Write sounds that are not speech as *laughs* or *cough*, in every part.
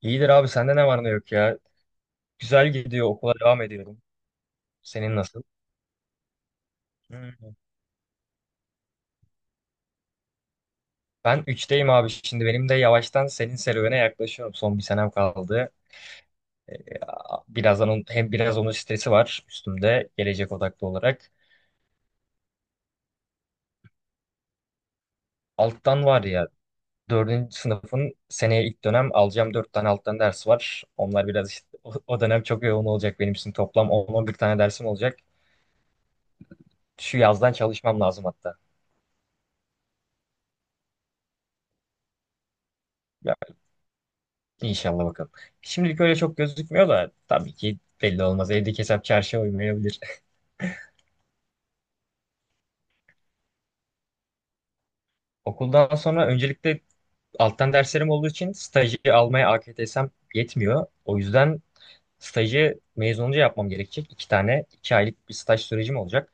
İyidir abi sende ne var ne yok ya. Güzel gidiyor, okula devam ediyorum. Senin nasıl? Hmm. Ben üçteyim abi, şimdi benim de yavaştan senin serüvene yaklaşıyorum. Son bir senem kaldı. Ee, Birazdan onun, hem biraz onun stresi var üstümde, gelecek odaklı olarak. Alttan var ya, dördüncü sınıfın seneye ilk dönem alacağım 4 tane alttan ders var. Onlar biraz işte o dönem çok yoğun olacak benim için, toplam 10 bir tane dersim olacak. Şu yazdan çalışmam lazım hatta. İnşallah bakalım. Şimdilik öyle çok gözükmüyor da tabii ki belli olmaz. Evdeki hesap çarşıya uymayabilir. *laughs* Okuldan sonra öncelikle alttan derslerim olduğu için stajı almaya AKTS'm yetmiyor. O yüzden stajı mezun olunca yapmam gerekecek. İki tane, iki aylık bir staj sürecim olacak.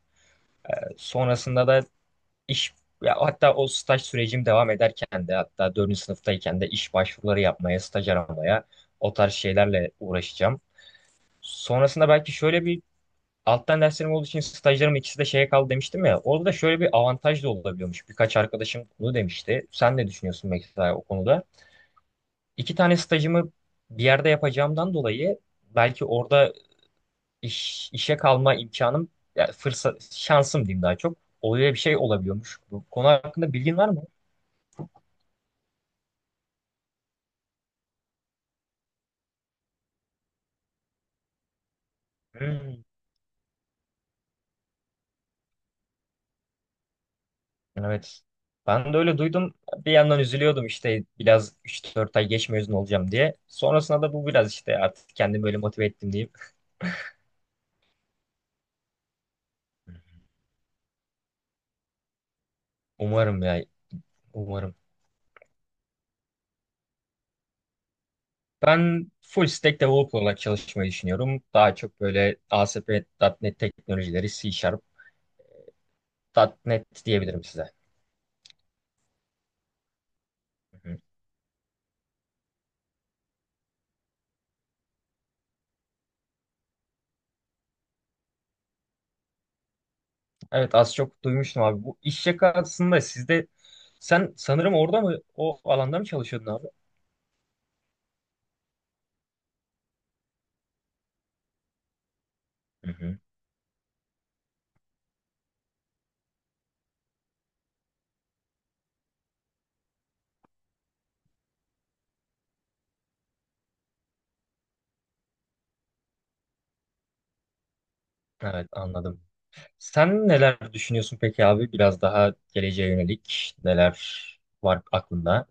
Sonrasında da iş, ya hatta o staj sürecim devam ederken de, hatta dördüncü sınıftayken de iş başvuruları yapmaya, staj aramaya, o tarz şeylerle uğraşacağım. Sonrasında belki şöyle bir, alttan derslerim olduğu için stajlarım ikisi de şeye kaldı demiştim ya. Orada da şöyle bir avantaj da olabiliyormuş. Birkaç arkadaşım bunu demişti. Sen ne düşünüyorsun mesela o konuda? İki tane stajımı bir yerde yapacağımdan dolayı belki orada işe kalma imkanım, ya fırsat, şansım diyeyim, daha çok. Öyle bir şey olabiliyormuş. Bu konu hakkında bilgin var mı? Hmm, evet. Ben de öyle duydum. Bir yandan üzülüyordum işte, biraz üç dört ay geç mezun olacağım diye. Sonrasında da bu biraz işte artık kendimi böyle motive ettim diyeyim. *laughs* Umarım ya. Umarım. Ben full stack developer olarak çalışmayı düşünüyorum. Daha çok böyle ASP.NET teknolojileri, C Sharp, nokta .NET diyebilirim size. Hı hı. Evet, az çok duymuştum abi. Bu iş yakasında sizde, sen sanırım orada mı, o alanda mı çalışıyordun abi? Hı hı. Evet, anladım. Sen neler düşünüyorsun peki abi? Biraz daha geleceğe yönelik neler var aklında?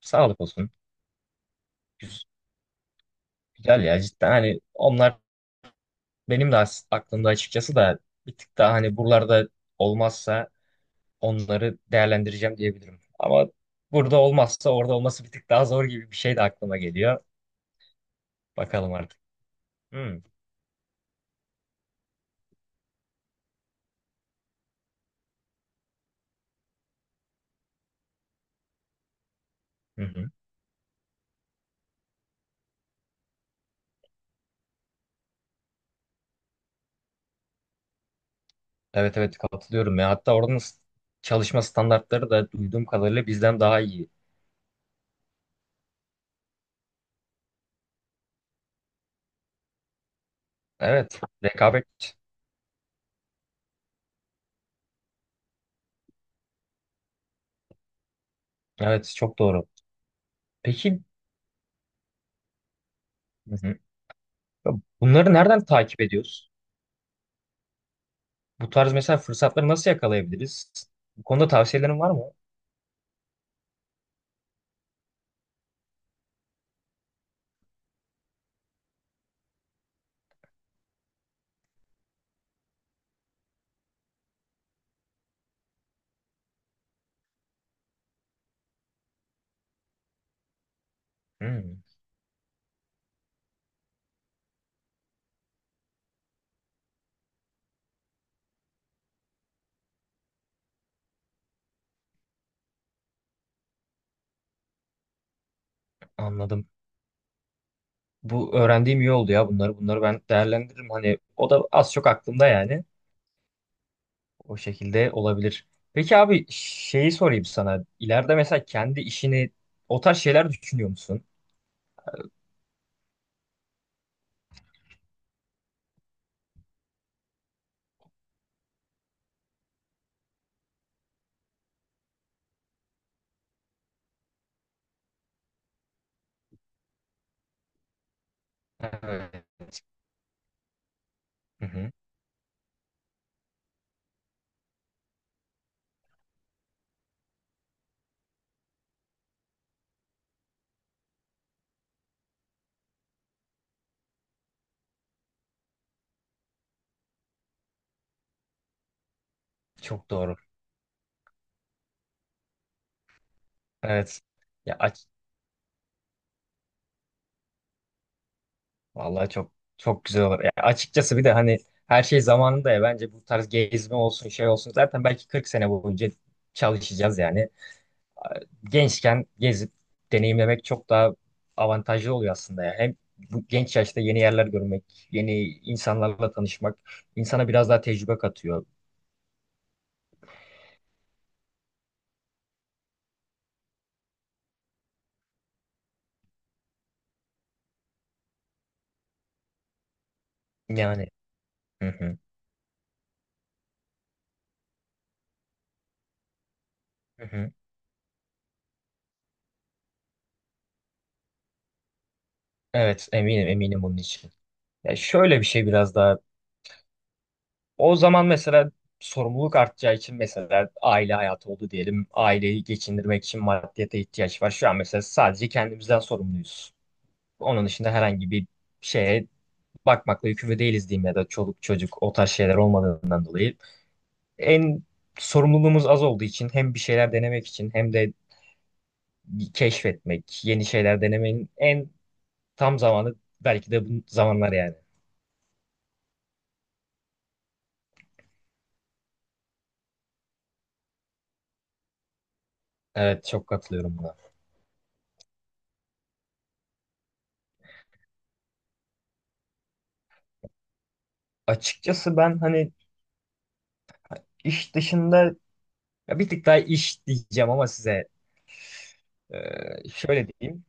Sağlık olsun. Güz- Güzel ya, cidden hani onlar. Benim de aklımda açıkçası da bir tık daha, hani buralarda olmazsa onları değerlendireceğim diyebilirim. Ama burada olmazsa orada olması bir tık daha zor gibi bir şey de aklıma geliyor. Bakalım artık. Hmm. Hı hı. Evet evet, katılıyorum ya. Hatta oranın çalışma standartları da duyduğum kadarıyla bizden daha iyi. Evet. Rekabet. Evet, çok doğru. Peki, hı hı. Ya, bunları nereden takip ediyoruz? Bu tarz mesela fırsatları nasıl yakalayabiliriz? Bu konuda tavsiyelerin var mı? Hmm, anladım. Bu öğrendiğim iyi oldu ya, bunları. Bunları ben değerlendiririm. Hani o da az çok aklımda yani. O şekilde olabilir. Peki abi, şeyi sorayım sana. İleride mesela kendi işini, o tarz şeyler düşünüyor musun? Evet. Hı hı. Çok doğru. Evet. Ya vallahi çok çok güzel olur. Ya açıkçası bir de hani, her şey zamanında ya, bence bu tarz gezme olsun, şey olsun, zaten belki 40 sene boyunca çalışacağız yani. Gençken gezip deneyimlemek çok daha avantajlı oluyor aslında ya. Hem bu genç yaşta yeni yerler görmek, yeni insanlarla tanışmak insana biraz daha tecrübe katıyor. Yani. Hı hı, hı hı. Evet, eminim eminim bunun için. Ya şöyle bir şey biraz daha. O zaman mesela sorumluluk artacağı için, mesela aile hayatı oldu diyelim. Aileyi geçindirmek için maddiyata ihtiyaç var. Şu an mesela sadece kendimizden sorumluyuz. Onun dışında herhangi bir şeye bakmakla yükümlü değiliz diyeyim, ya da çoluk çocuk o tarz şeyler olmadığından dolayı. En sorumluluğumuz az olduğu için, hem bir şeyler denemek için hem de keşfetmek, yeni şeyler denemenin en tam zamanı belki de bu zamanlar yani. Evet, çok katılıyorum buna. Açıkçası ben hani iş dışında, ya bir tık daha iş diyeceğim ama size şöyle diyeyim.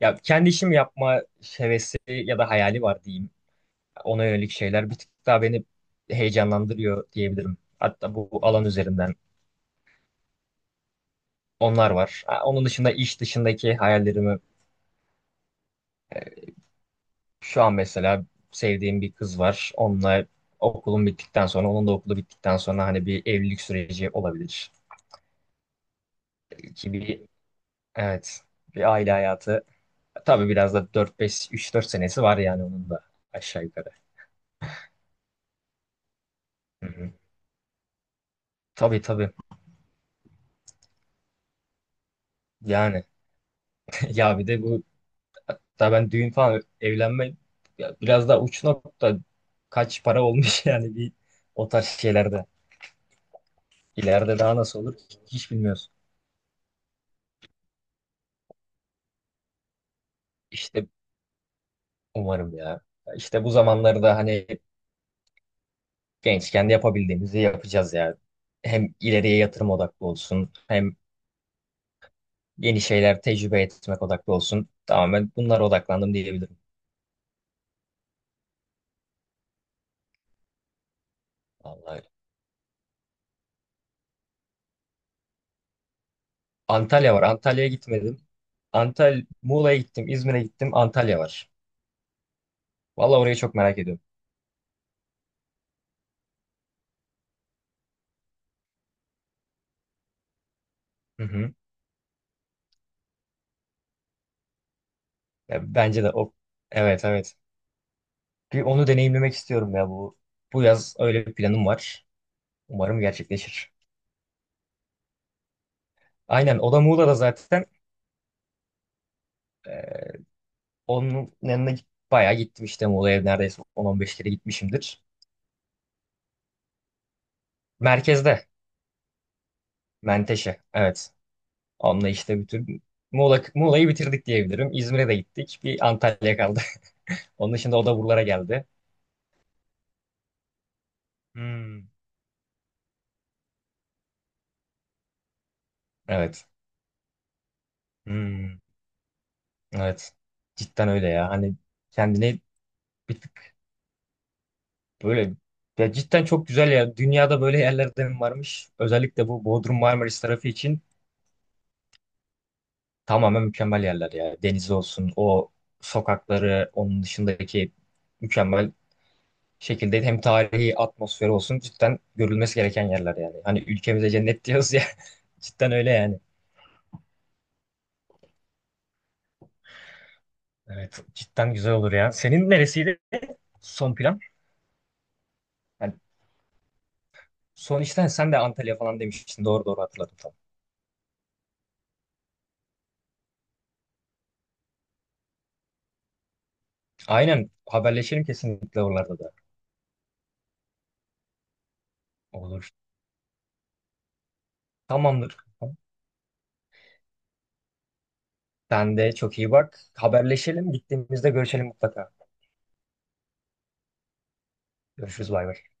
Ya kendi işimi yapma hevesi ya da hayali var diyeyim. Ona yönelik şeyler bir tık daha beni heyecanlandırıyor diyebilirim. Hatta bu alan üzerinden onlar var. Ha, onun dışında iş dışındaki hayallerimi, şu an mesela sevdiğim bir kız var. Onunla okulum bittikten sonra, onun da okulu bittikten sonra hani bir evlilik süreci olabilir. Ki bir, evet, bir aile hayatı. Tabii biraz da dört beş üç dört senesi var yani onun da, aşağı yukarı. Hı hı. Tabii tabii. Yani *laughs* ya bir de bu, hatta ben düğün falan evlenme, ya biraz daha uç nokta, kaç para olmuş *laughs* yani bir o tarz şeylerde. İleride daha nasıl olur hiç bilmiyoruz. İşte umarım ya. İşte bu zamanlarda hani gençken de yapabildiğimizi yapacağız ya. Hem ileriye yatırım odaklı olsun, hem yeni şeyler tecrübe etmek odaklı olsun. Tamamen bunlara odaklandım diyebilirim. Vallahi, öyle. Antalya var. Antalya'ya gitmedim. Muğla'ya gittim, İzmir'e gittim. Antalya var. Vallahi orayı çok merak ediyorum. Hı hı. Ya bence de evet evet. Bir onu deneyimlemek istiyorum ya, bu yaz öyle bir planım var. Umarım gerçekleşir. Aynen, o da Muğla'da zaten. Ee, Onun yanına bayağı gittim işte, Muğla'ya neredeyse 10-15 kere gitmişimdir. Merkezde. Menteşe, evet. Onunla işte bütün Muğla'yı bitirdik diyebilirim. İzmir'e de gittik. Bir Antalya kaldı. *laughs* Onun dışında o da buralara geldi. Hmm. Evet. Hmm. Evet. Cidden öyle ya. Hani kendini bir tık, böyle ya cidden çok güzel ya. Dünyada böyle yerlerden varmış. Özellikle bu Bodrum Marmaris tarafı için tamamen mükemmel yerler ya. Denizi olsun, o sokakları, onun dışındaki mükemmel şekilde hem tarihi atmosferi olsun, cidden görülmesi gereken yerler yani. Hani ülkemize cennet diyoruz ya. *laughs* Cidden öyle yani. Evet, cidden güzel olur ya. Senin neresiydi son plan? Yani son işten sen de Antalya falan demiştin. Doğru doğru, hatırladım tam. Aynen, haberleşelim kesinlikle oralarda da. Olur. Tamamdır. Sen de çok iyi bak. Haberleşelim. Gittiğimizde görüşelim mutlaka. Görüşürüz, bay bay.